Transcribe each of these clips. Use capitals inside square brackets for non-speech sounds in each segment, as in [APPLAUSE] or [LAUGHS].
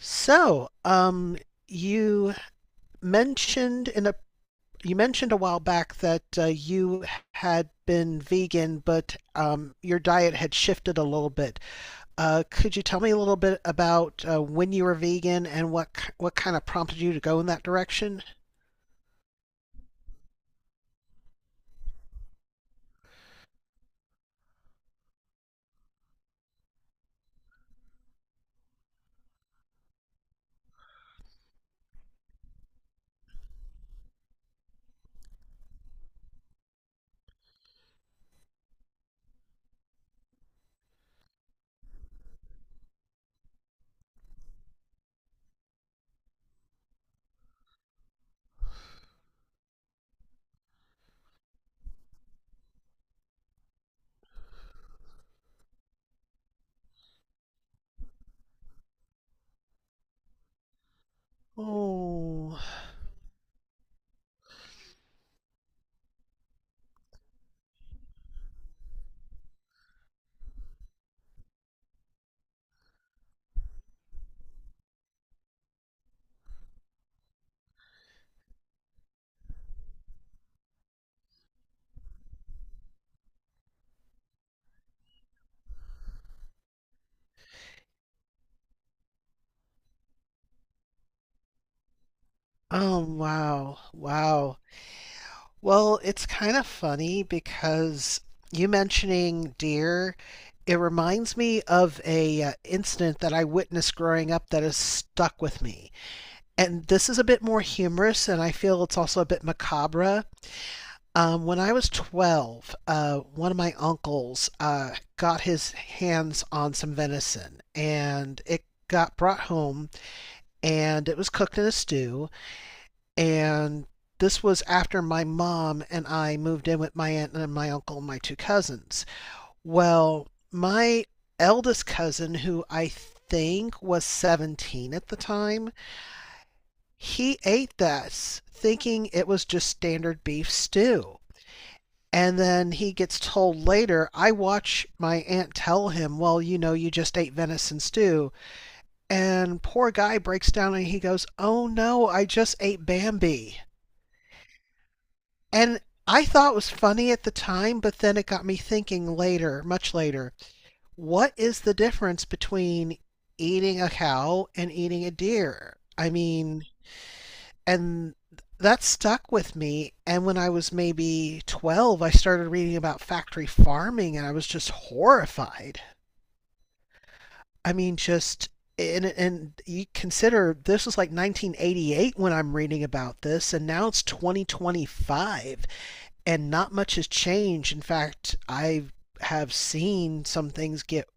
So, um, you mentioned in a you mentioned a while back that you had been vegan, but your diet had shifted a little bit. Could you tell me a little bit about when you were vegan and what kind of prompted you to go in that direction? Oh, oh, wow, wow. Well, it's kind of funny because you mentioning deer, it reminds me of a incident that I witnessed growing up that has stuck with me. And this is a bit more humorous, and I feel it's also a bit macabre. When I was 12, one of my uncles got his hands on some venison, and it got brought home, and it was cooked in a stew. And this was after my mom and I moved in with my aunt and my uncle and my two cousins. Well, my eldest cousin, who I think was 17 at the time, he ate this thinking it was just standard beef stew. And then he gets told later, I watch my aunt tell him, "Well, you know, you just ate venison stew." And poor guy breaks down and he goes, "Oh no, I just ate Bambi." And I thought it was funny at the time, but then it got me thinking later, much later, what is the difference between eating a cow and eating a deer? I mean, and that stuck with me. And when I was maybe 12, I started reading about factory farming and I was just horrified. I mean, just and you consider this was like 1988 when I'm reading about this, and now it's 2025. And not much has changed. In fact, I have seen some things get,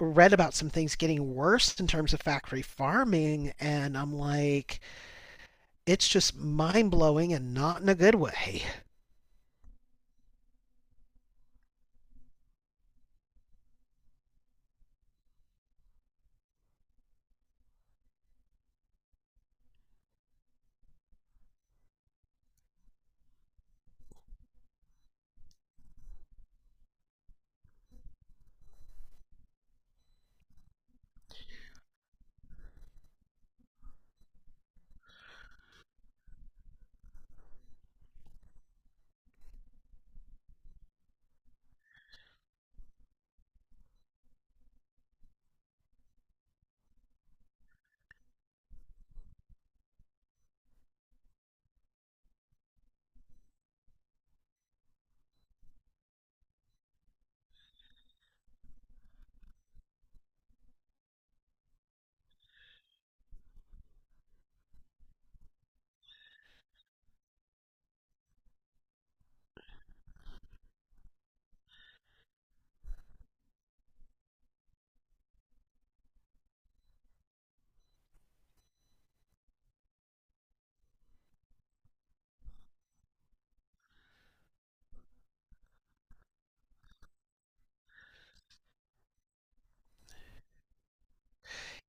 read about some things getting worse in terms of factory farming and I'm like it's just mind-blowing and not in a good way.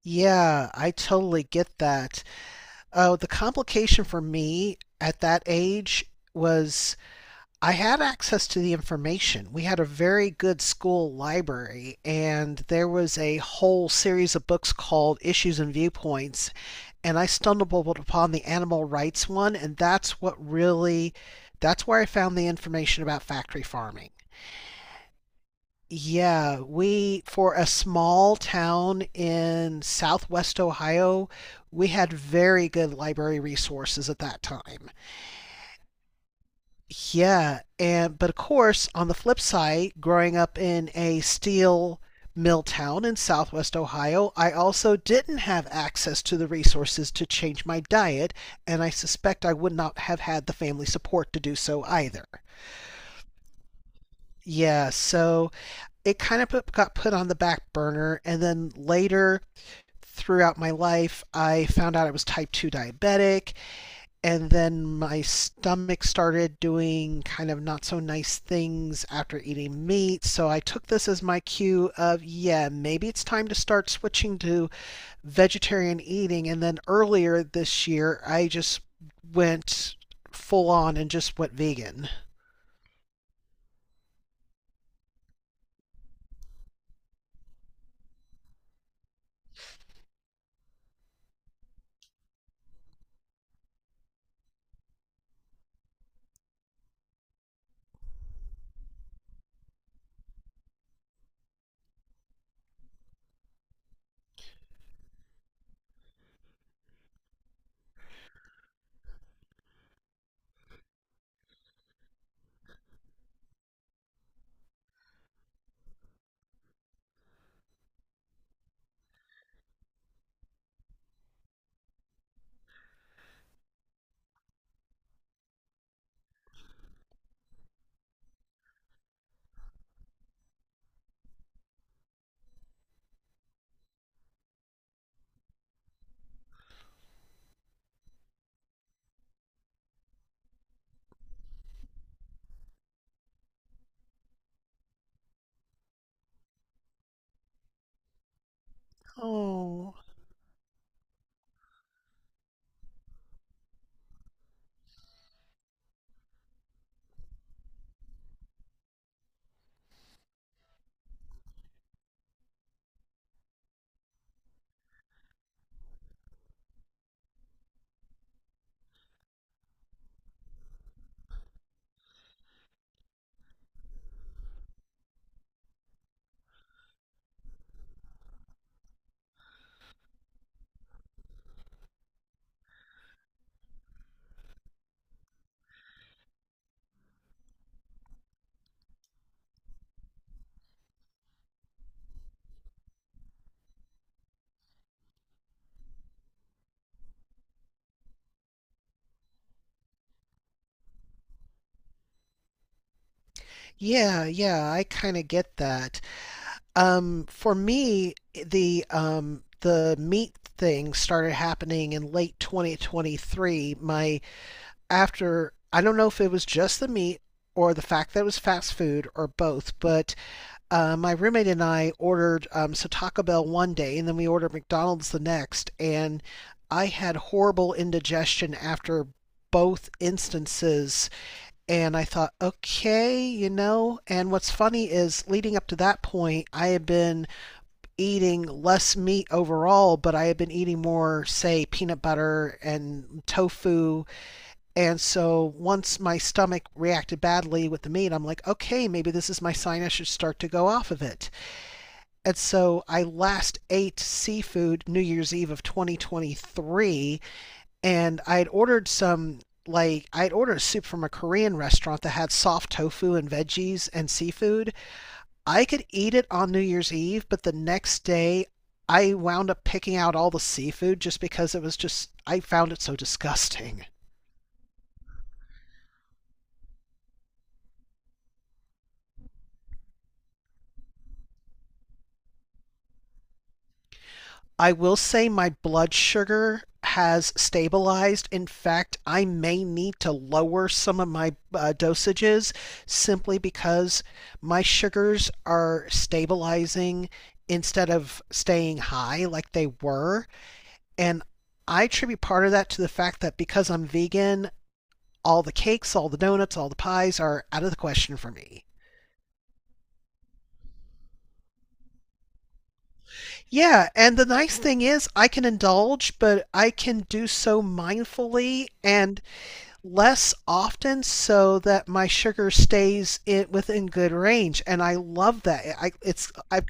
Yeah, I totally get that. Oh, the complication for me at that age was I had access to the information. We had a very good school library, and there was a whole series of books called Issues and Viewpoints. And I stumbled upon the animal rights one, and that's what really, that's where I found the information about factory farming. Yeah, we, for a small town in southwest Ohio, we had very good library resources at that time. Yeah, and but of course, on the flip side, growing up in a steel mill town in southwest Ohio, I also didn't have access to the resources to change my diet, and I suspect I would not have had the family support to do so either. Yeah, so it kind of put, got put on the back burner, and then later throughout my life, I found out I was type 2 diabetic, and then my stomach started doing kind of not so nice things after eating meat. So I took this as my cue of, yeah, maybe it's time to start switching to vegetarian eating. And then earlier this year, I just went full on and just went vegan. Oh, yeah, yeah, I kind of get that. For me, the meat thing started happening in late 2023. My, after, I don't know if it was just the meat or the fact that it was fast food or both, but my roommate and I ordered Taco Bell one day and then we ordered McDonald's the next, and I had horrible indigestion after both instances. And I thought, okay, you know. And what's funny is leading up to that point, I had been eating less meat overall, but I had been eating more, say, peanut butter and tofu and so once my stomach reacted badly with the meat, I'm like, okay, maybe this is my sign I should start to go off of it. And so I last ate seafood New Year's Eve of 2023, and I had ordered some. Like, I'd ordered a soup from a Korean restaurant that had soft tofu and veggies and seafood. I could eat it on New Year's Eve, but the next day I wound up picking out all the seafood just because it was just, I found it so disgusting. I will say my blood sugar has stabilized. In fact, I may need to lower some of my dosages simply because my sugars are stabilizing instead of staying high like they were. And I attribute part of that to the fact that because I'm vegan, all the cakes, all the donuts, all the pies are out of the question for me. Yeah, and the nice thing is I can indulge, but I can do so mindfully and less often so that my sugar stays in, within good range and I love that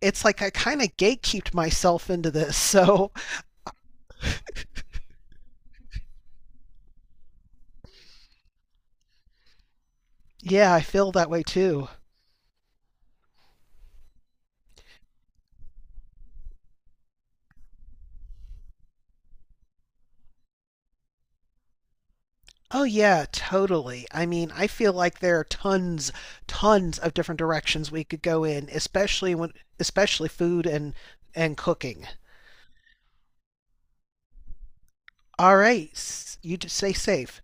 it's like I kind of gatekeeped myself into this [LAUGHS] so yeah I feel that way too. Oh yeah, totally, I mean I feel like there are tons of different directions we could go in especially food and cooking. All right, you just stay safe.